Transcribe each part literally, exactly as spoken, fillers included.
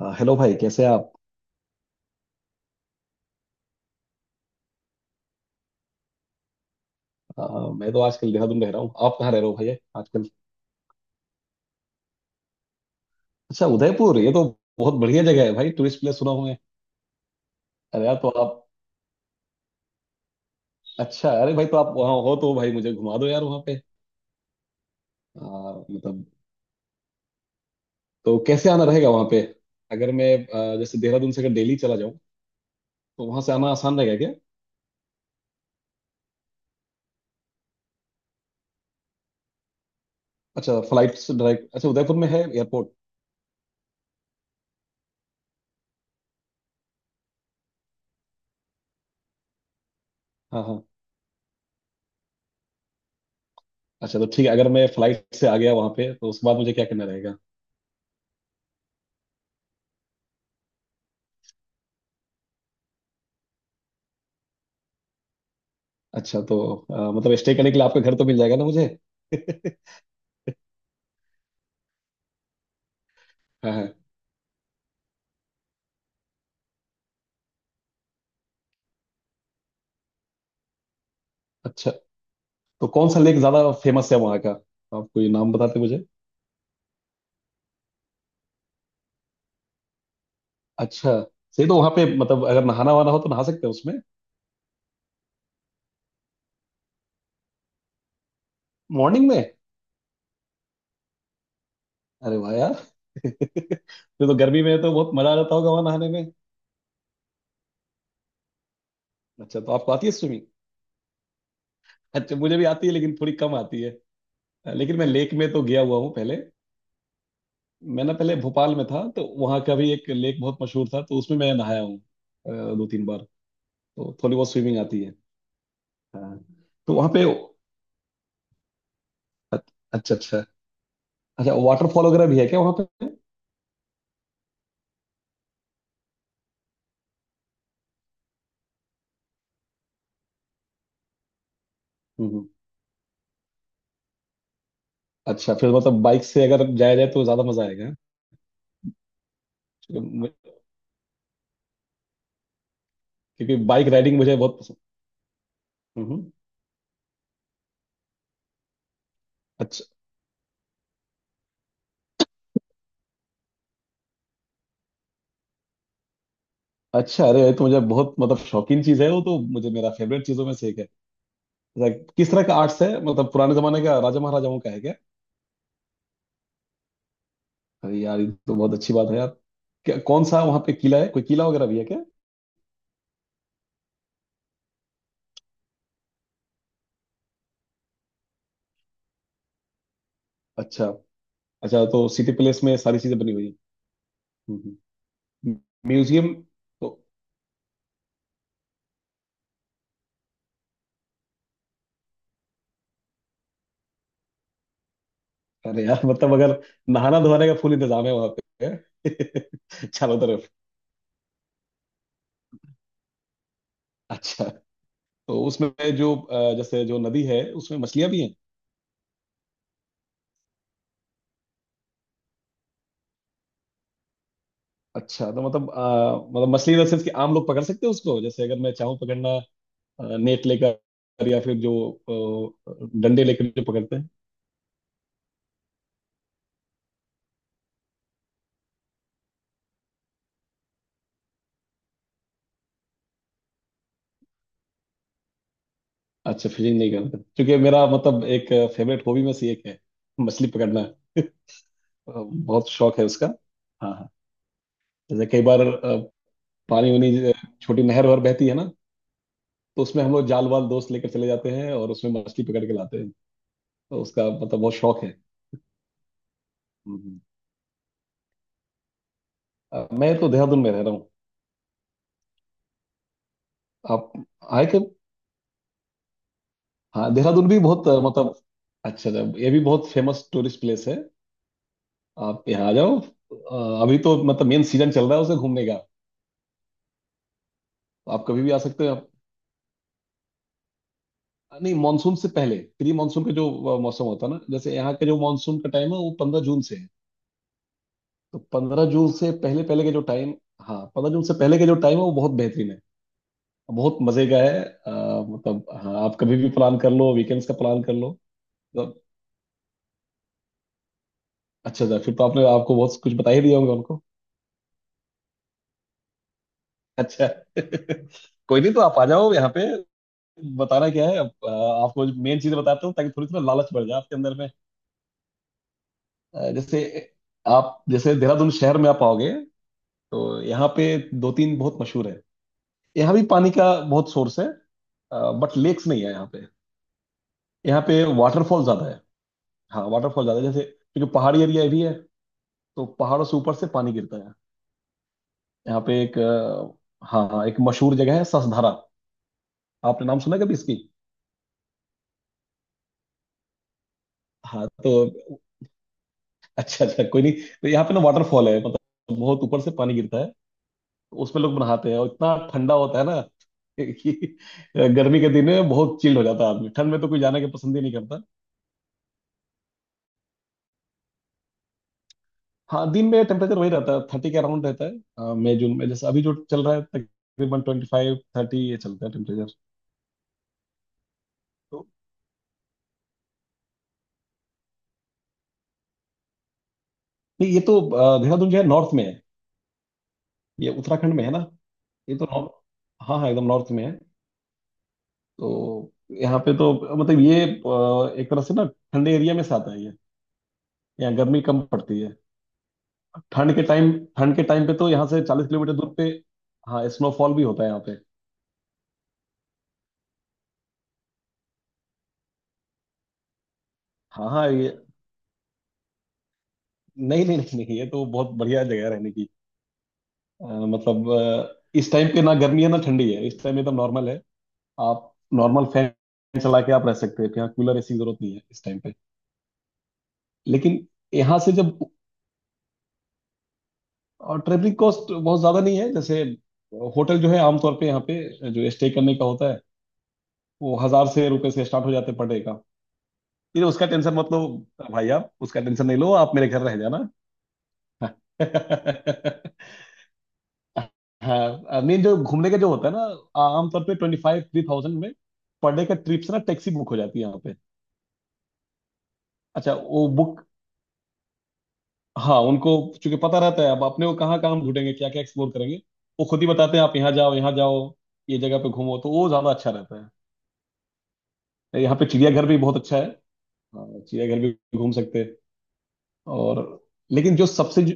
हाँ, हेलो भाई। कैसे हैं आप। आ, मैं तो आजकल देहरादून रह रहा हूँ। आप कहाँ रह रहे हो भैया आजकल। अच्छा उदयपुर, ये तो बहुत बढ़िया जगह है भाई। टूरिस्ट प्लेस सुना हूँ मैं। अरे यार तो आप। अच्छा। अरे भाई तो आप वहाँ हो तो भाई मुझे घुमा दो यार वहाँ पे। आ, मतलब तो कैसे आना रहेगा वहाँ पे, अगर मैं आ, जैसे देहरादून से अगर दिल्ली चला जाऊँ तो वहाँ से आना आसान रहेगा क्या। अच्छा, फ्लाइट से डायरेक्ट। अच्छा उदयपुर में है एयरपोर्ट। हाँ हाँ। अच्छा तो ठीक है, अगर मैं फ्लाइट से आ गया वहाँ पे तो उसके बाद मुझे क्या करना रहेगा। अच्छा तो आ, मतलब स्टे करने के लिए आपका घर तो मिल जाएगा ना मुझे हाँ हाँ। अच्छा तो कौन सा लेक ज्यादा फेमस है वहाँ का, आप कोई नाम बताते मुझे। अच्छा सही। तो वहाँ पे मतलब अगर नहाना वहाना हो तो नहा सकते हैं उसमें। मॉर्निंग में। अरे वाह यार फिर तो गर्मी में तो बहुत मजा आ जाता होगा वहाँ नहाने में। अच्छा, तो आपको आती है स्विमिंग। अच्छा। मुझे भी आती है लेकिन थोड़ी कम आती है। अ, लेकिन मैं लेक में तो गया हुआ हूँ पहले। मैं ना पहले भोपाल में था तो वहाँ का भी एक लेक बहुत मशहूर था तो उसमें मैं नहाया हूँ अ, दो तीन बार। तो थोड़ी बहुत स्विमिंग आती है। हाँ तो वहाँ पे। अच्छा अच्छा। अच्छा वाटरफॉल वगैरह भी है क्या वहाँ पे। हम्म, अच्छा। फिर मतलब बाइक से अगर जाया जाए तो ज्यादा मजा आएगा। क्योंकि क्योंकि बाइक राइडिंग मुझे बहुत पसंद। हम्म। अच्छा अच्छा। अरे ये तो मुझे बहुत मतलब शौकीन चीज है। वो तो मुझे मेरा फेवरेट चीजों में से एक है। लाइक किस तरह का आर्ट्स है, मतलब पुराने जमाने का राजा महाराजाओं का है क्या। अरे यार ये तो बहुत अच्छी बात है यार। क्या कौन सा वहाँ पे किला है, कोई किला वगैरह भी है क्या। अच्छा। अच्छा तो सिटी पैलेस में सारी चीजें बनी हुई है। म्यूजियम तो। अरे यार मतलब अगर नहाना धोने का फुल इंतजाम है वहाँ पे चारों तरफ। अच्छा तो उसमें जो अ, जैसे जो नदी है उसमें मछलियां भी हैं। अच्छा तो मतलब अ, मतलब मछली इन सेंस कि आम लोग पकड़ सकते हैं उसको, जैसे अगर मैं चाहूँ पकड़ना नेट लेकर या फिर जो अ, डंडे लेकर जो पकड़ते हैं। अच्छा फिशिंग नहीं करते क्योंकि मेरा मतलब एक फेवरेट हॉबी में से एक है मछली पकड़ना अ, बहुत शौक है उसका। हाँ हाँ। जैसे कई बार अ, पानी वानी अ, छोटी नहर वहर बहती है ना, तो उसमें हम लोग जाल वाल दोस्त लेकर चले जाते हैं और उसमें मछली पकड़ के लाते हैं। तो उसका मतलब बहुत शौक है। अ, मैं तो देहरादून में रह रहा हूँ। आप आए कब। हाँ देहरादून भी बहुत अ, मतलब अच्छा जब ये भी बहुत फेमस टूरिस्ट प्लेस है। आप यहाँ आ जाओ। अ, अभी तो मतलब मेन सीजन चल रहा है उसे घूमने का। आप कभी भी आ सकते हो आप। नहीं मॉनसून से पहले, प्री मॉनसून का जो अ, मौसम होता है ना, जैसे यहाँ के जो मॉनसून का टाइम है वो पंद्रह जून से है। तो पंद्रह जून से पहले पहले के जो टाइम। हाँ, पंद्रह जून से पहले के जो टाइम है वो बहुत बेहतरीन है। बहुत मजे का है अ, मतलब। हाँ आप कभी भी प्लान कर लो, वीकेंड्स का प्लान कर लो। अच्छा अच्छा। फिर तो आपने आपको बहुत कुछ बता ही दिया होगा उनको। अच्छा कोई नहीं तो आप आ जाओ यहाँ पे। बताना क्या है अब, अ, आपको मेन चीज बताता हूँ ताकि थोड़ी थोड़ा लालच बढ़ जाए आपके अंदर में। अ, जैसे आप जैसे देहरादून शहर में आप आओगे तो यहाँ पे दो तीन बहुत मशहूर है। यहाँ भी पानी का बहुत सोर्स है, बट लेक्स नहीं है यहाँ पे। यहाँ पे वाटरफॉल ज्यादा है। हाँ वाटरफॉल ज्यादा है जैसे, क्योंकि पहाड़ी एरिया भी है, तो पहाड़ों से ऊपर से पानी गिरता है। यहाँ पे एक अ, हाँ हाँ एक मशहूर जगह है ससधारा। आपने नाम सुना है कभी इसकी। हाँ तो। अच्छा अच्छा कोई नहीं। तो यहाँ पे ना वाटरफॉल है मतलब बहुत ऊपर से पानी गिरता है। तो उसमें लोग नहाते हैं और इतना ठंडा होता है ना कि गर्मी के दिन में बहुत चिल्ड हो जाता है आदमी। ठंड में तो कोई जाने के पसंद ही नहीं करता। हाँ दिन में टेम्परेचर वही रहता है, थर्टी के अराउंड रहता है। हाँ, मई जून में जैसे अभी जो चल रहा है तकरीबन ट्वेंटी फाइव थर्टी ये चलता है टेम्परेचर। तो नहीं ये तो अ, देहरादून जो है नॉर्थ में है। ये उत्तराखंड में है ना। ये तो नॉर्थ। हाँ हाँ एकदम नॉर्थ में है। तो यहाँ पे तो मतलब ये अ, एक तरह से ना ठंडे एरिया में से आता है। यहाँ गर्मी कम पड़ती है। ठंड के टाइम ठंड के टाइम पे तो यहाँ से चालीस किलोमीटर दूर पे हाँ स्नोफॉल भी होता है यहाँ पे। हाँ हाँ ये। नहीं नहीं नहीं नहीं, ये तो बहुत बढ़िया जगह है रहने की। अ, मतलब अ, इस टाइम पे ना गर्मी है ना ठंडी है, इस टाइम एकदम नॉर्मल है। आप नॉर्मल फैन चला के आप रह सकते हैं यहाँ, कूलर ऐसी जरूरत नहीं है इस टाइम पे। लेकिन यहाँ से जब, और ट्रेवलिंग कॉस्ट बहुत ज्यादा नहीं है, जैसे होटल जो है आमतौर पे यहाँ पे जो स्टे करने का होता है वो हजार से रुपए से स्टार्ट हो जाते हैं पर डे का। फिर उसका टेंशन मत लो भाई, आप उसका टेंशन नहीं लो, आप मेरे घर रह जाना हाँ मेन जो घूमने का जो होता है ना आमतौर पे ट्वेंटी फाइव थ्री थाउजेंड में पर डे का ट्रिप से ना टैक्सी बुक हो जाती है यहाँ पे। अच्छा वो बुक। हाँ उनको चूंकि पता रहता है अब अपने को कहाँ कहाँ हम ढूंढेंगे क्या क्या एक्सप्लोर करेंगे। वो खुद ही बताते हैं आप यहाँ जाओ यहाँ जाओ, ये जगह पे घूमो, तो वो ज्यादा अच्छा रहता है। यहाँ पे चिड़ियाघर भी बहुत अच्छा है। हाँ, चिड़ियाघर भी घूम सकते हैं। और लेकिन जो सबसे जो,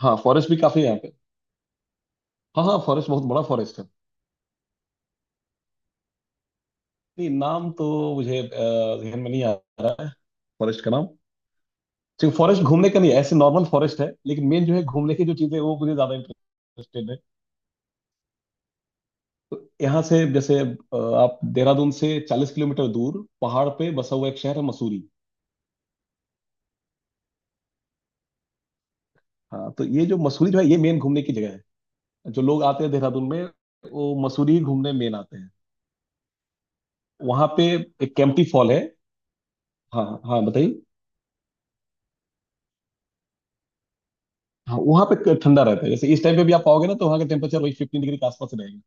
हाँ फॉरेस्ट भी काफी है। हाँ हाँ, फॉरेस्ट बहुत बड़ा फॉरेस्ट है। नहीं नाम तो मुझे अ, जहन में नहीं आ रहा है फॉरेस्ट का नाम। सिर्फ फॉरेस्ट घूमने का नहीं है, ऐसे नॉर्मल फॉरेस्ट है, लेकिन मेन जो है घूमने की जो चीजें हैं, वो मुझे ज्यादा इंटरेस्टेड है। यहाँ से जैसे अ, आप देहरादून से चालीस किलोमीटर दूर पहाड़ पे बसा हुआ एक शहर है मसूरी। हाँ तो ये जो मसूरी जो है ये मेन घूमने की जगह है। जो लोग आते हैं देहरादून में वो मसूरी ही घूमने मेन आते हैं। वहाँ पे एक कैंपटी फॉल है। हाँ हाँ बताइए। हाँ वहाँ पे ठंडा रहता है, जैसे इस टाइम पे भी आप आओगे ना तो वहाँ का टेम्परेचर वही फिफ्टीन डिग्री के आसपास रहेगा।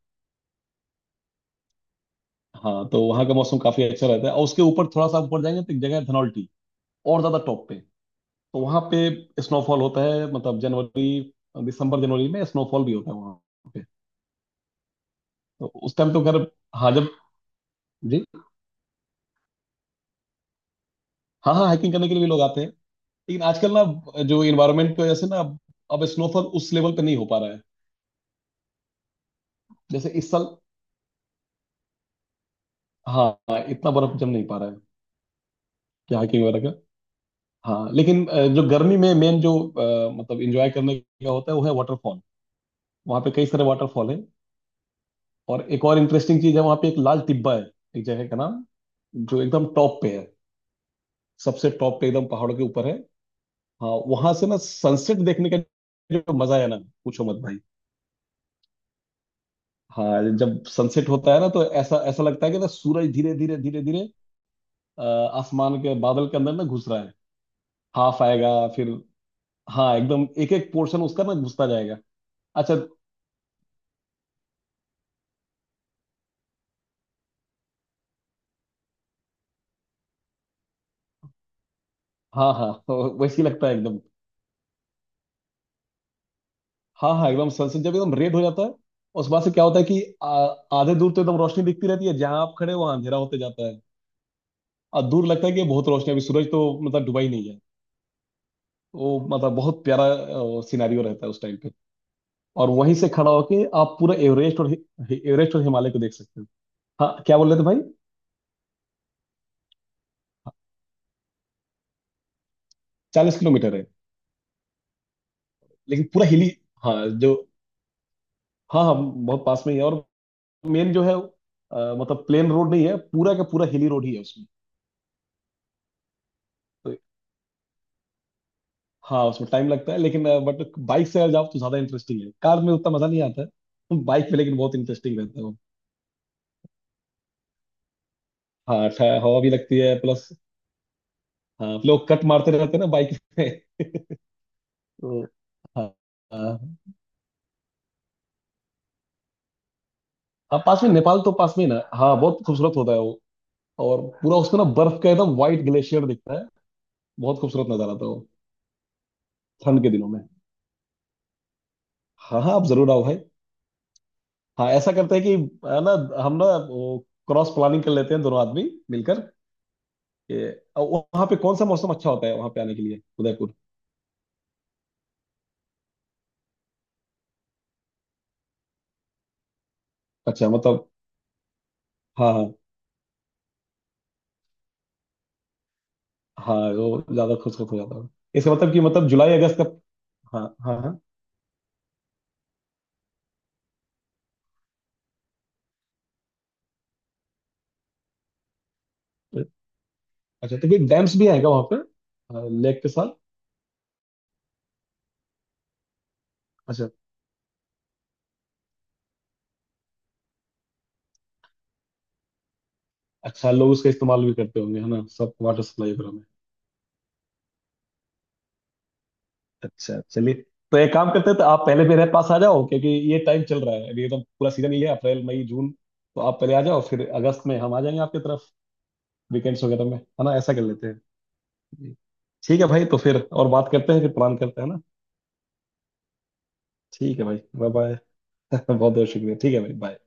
हाँ तो वहाँ का मौसम काफी अच्छा रहता है, और उसके ऊपर थोड़ा सा ऊपर जाएंगे तो एक जगह है धनौल्टी। और ज्यादा टॉप पे। तो वहाँ पे स्नोफॉल होता है मतलब जनवरी दिसंबर जनवरी में स्नोफॉल भी होता है वहाँ पे। तो उस टाइम तो खैर। हाँ जब जी। हाँ हाँ हाइकिंग करने के लिए भी लोग आते हैं। लेकिन आजकल ना, जो इन्वायरमेंट की वजह से ना अब अब स्नोफॉल उस लेवल पे नहीं हो पा रहा है। जैसे इस साल हाँ हाँ, इतना बर्फ जम नहीं पा रहा है कि हाइकिंग वगैरह का। हाँ लेकिन अ, जो गर्मी में मेन जो अ, मतलब इंजॉय करने का होता है वो है वाटरफॉल। वहाँ पे कई सारे वाटरफॉल है। और एक और इंटरेस्टिंग चीज है, वहां पे एक लाल टिब्बा है, एक जगह का नाम, जो एकदम टॉप पे है, सबसे टॉप पे एकदम पहाड़ों के ऊपर है। हाँ वहां से ना सनसेट देखने का जो मजा है ना, पूछो मत भाई। हाँ जब सनसेट होता है ना, तो ऐसा ऐसा लगता है कि ना सूरज धीरे धीरे धीरे धीरे अ, आसमान के बादल के अंदर ना घुस रहा है। हाफ आएगा फिर। हाँ एकदम एक एक पोर्शन उसका ना घुसता जाएगा। अच्छा हाँ हाँ तो वैसे ही लगता है एकदम। हाँ हाँ, एकदम सनसेट जब एकदम रेड हो जाता है। उस बात से क्या होता है कि आ, आधे दूर तो एकदम रोशनी दिखती रहती है, जहां आप खड़े हो वहां अंधेरा होते जाता है। और दूर लगता है कि बहुत रोशनी है, अभी सूरज तो मतलब डूबा ही नहीं है। वो मतलब बहुत प्यारा सिनेरियो रहता है उस टाइम पे। और वहीं से खड़ा होके आप पूरा एवरेस्ट और हि- हि- एवरेस्ट और हिमालय को देख सकते हो। हाँ क्या बोल रहे थे भाई। चालीस किलोमीटर है। लेकिन पूरा हिली हाँ जो। हाँ हाँ बहुत पास में ही है, और मेन जो है अ, मतलब प्लेन रोड नहीं है पूरा का पूरा हिली रोड ही है उसमें। तो हाँ उसमें टाइम लगता है, लेकिन बट बाइक से अगर जाओ तो ज्यादा इंटरेस्टिंग है। कार में उतना मजा नहीं आता है, बाइक में लेकिन बहुत इंटरेस्टिंग रहता है वो। हाँ ठा- हवा भी लगती है प्लस। हाँ लोग कट मारते रहते हैं ना बाइक में। तो हाँ हाँ हाँ, पास में नेपाल तो पास में ही ना। हाँ बहुत खूबसूरत होता है वो। और पूरा उसमें ना बर्फ का एकदम व्हाइट ग्लेशियर दिखता है। बहुत खूबसूरत नजारा था वो ठंड के दिनों में। हाँ हाँ आप जरूर आओ भाई। हाँ ऐसा करते हैं कि, है ना, हम ना वो क्रॉस प्लानिंग कर लेते हैं दोनों आदमी मिलकर। ये अ, वहाँ पे कौन सा मौसम अच्छा होता है वहाँ पे आने के लिए उदयपुर। अच्छा मतलब। हाँ हाँ हाँ। वो ज्यादा खुशखुश हो जाता है, इसका मतलब कि मतलब जुलाई अगस्त का। हाँ हाँ हाँ। अच्छा तो कोई डैम्स भी आएगा वहाँ पे, हाँ, लेक के साथ। अच्छा अच्छा। लोग उसका इस्तेमाल भी करते होंगे है ना सब वाटर सप्लाई वगैरह में। अच्छा चलिए तो एक काम करते हैं, तो आप पहले मेरे पास आ जाओ क्योंकि ये टाइम चल रहा है अभी एकदम पूरा सीजन ही है, अप्रैल मई जून। तो आप पहले आ जाओ, फिर अगस्त में हम आ जाएंगे आपकी तरफ। वीकेंड्स वगैरह में है ना, ऐसा कर लेते हैं जी। ठीक है भाई, तो फिर और बात करते हैं, फिर प्लान करते हैं ना। ठीक है भाई बाय बाय बहुत बहुत शुक्रिया, ठीक है भाई बाय।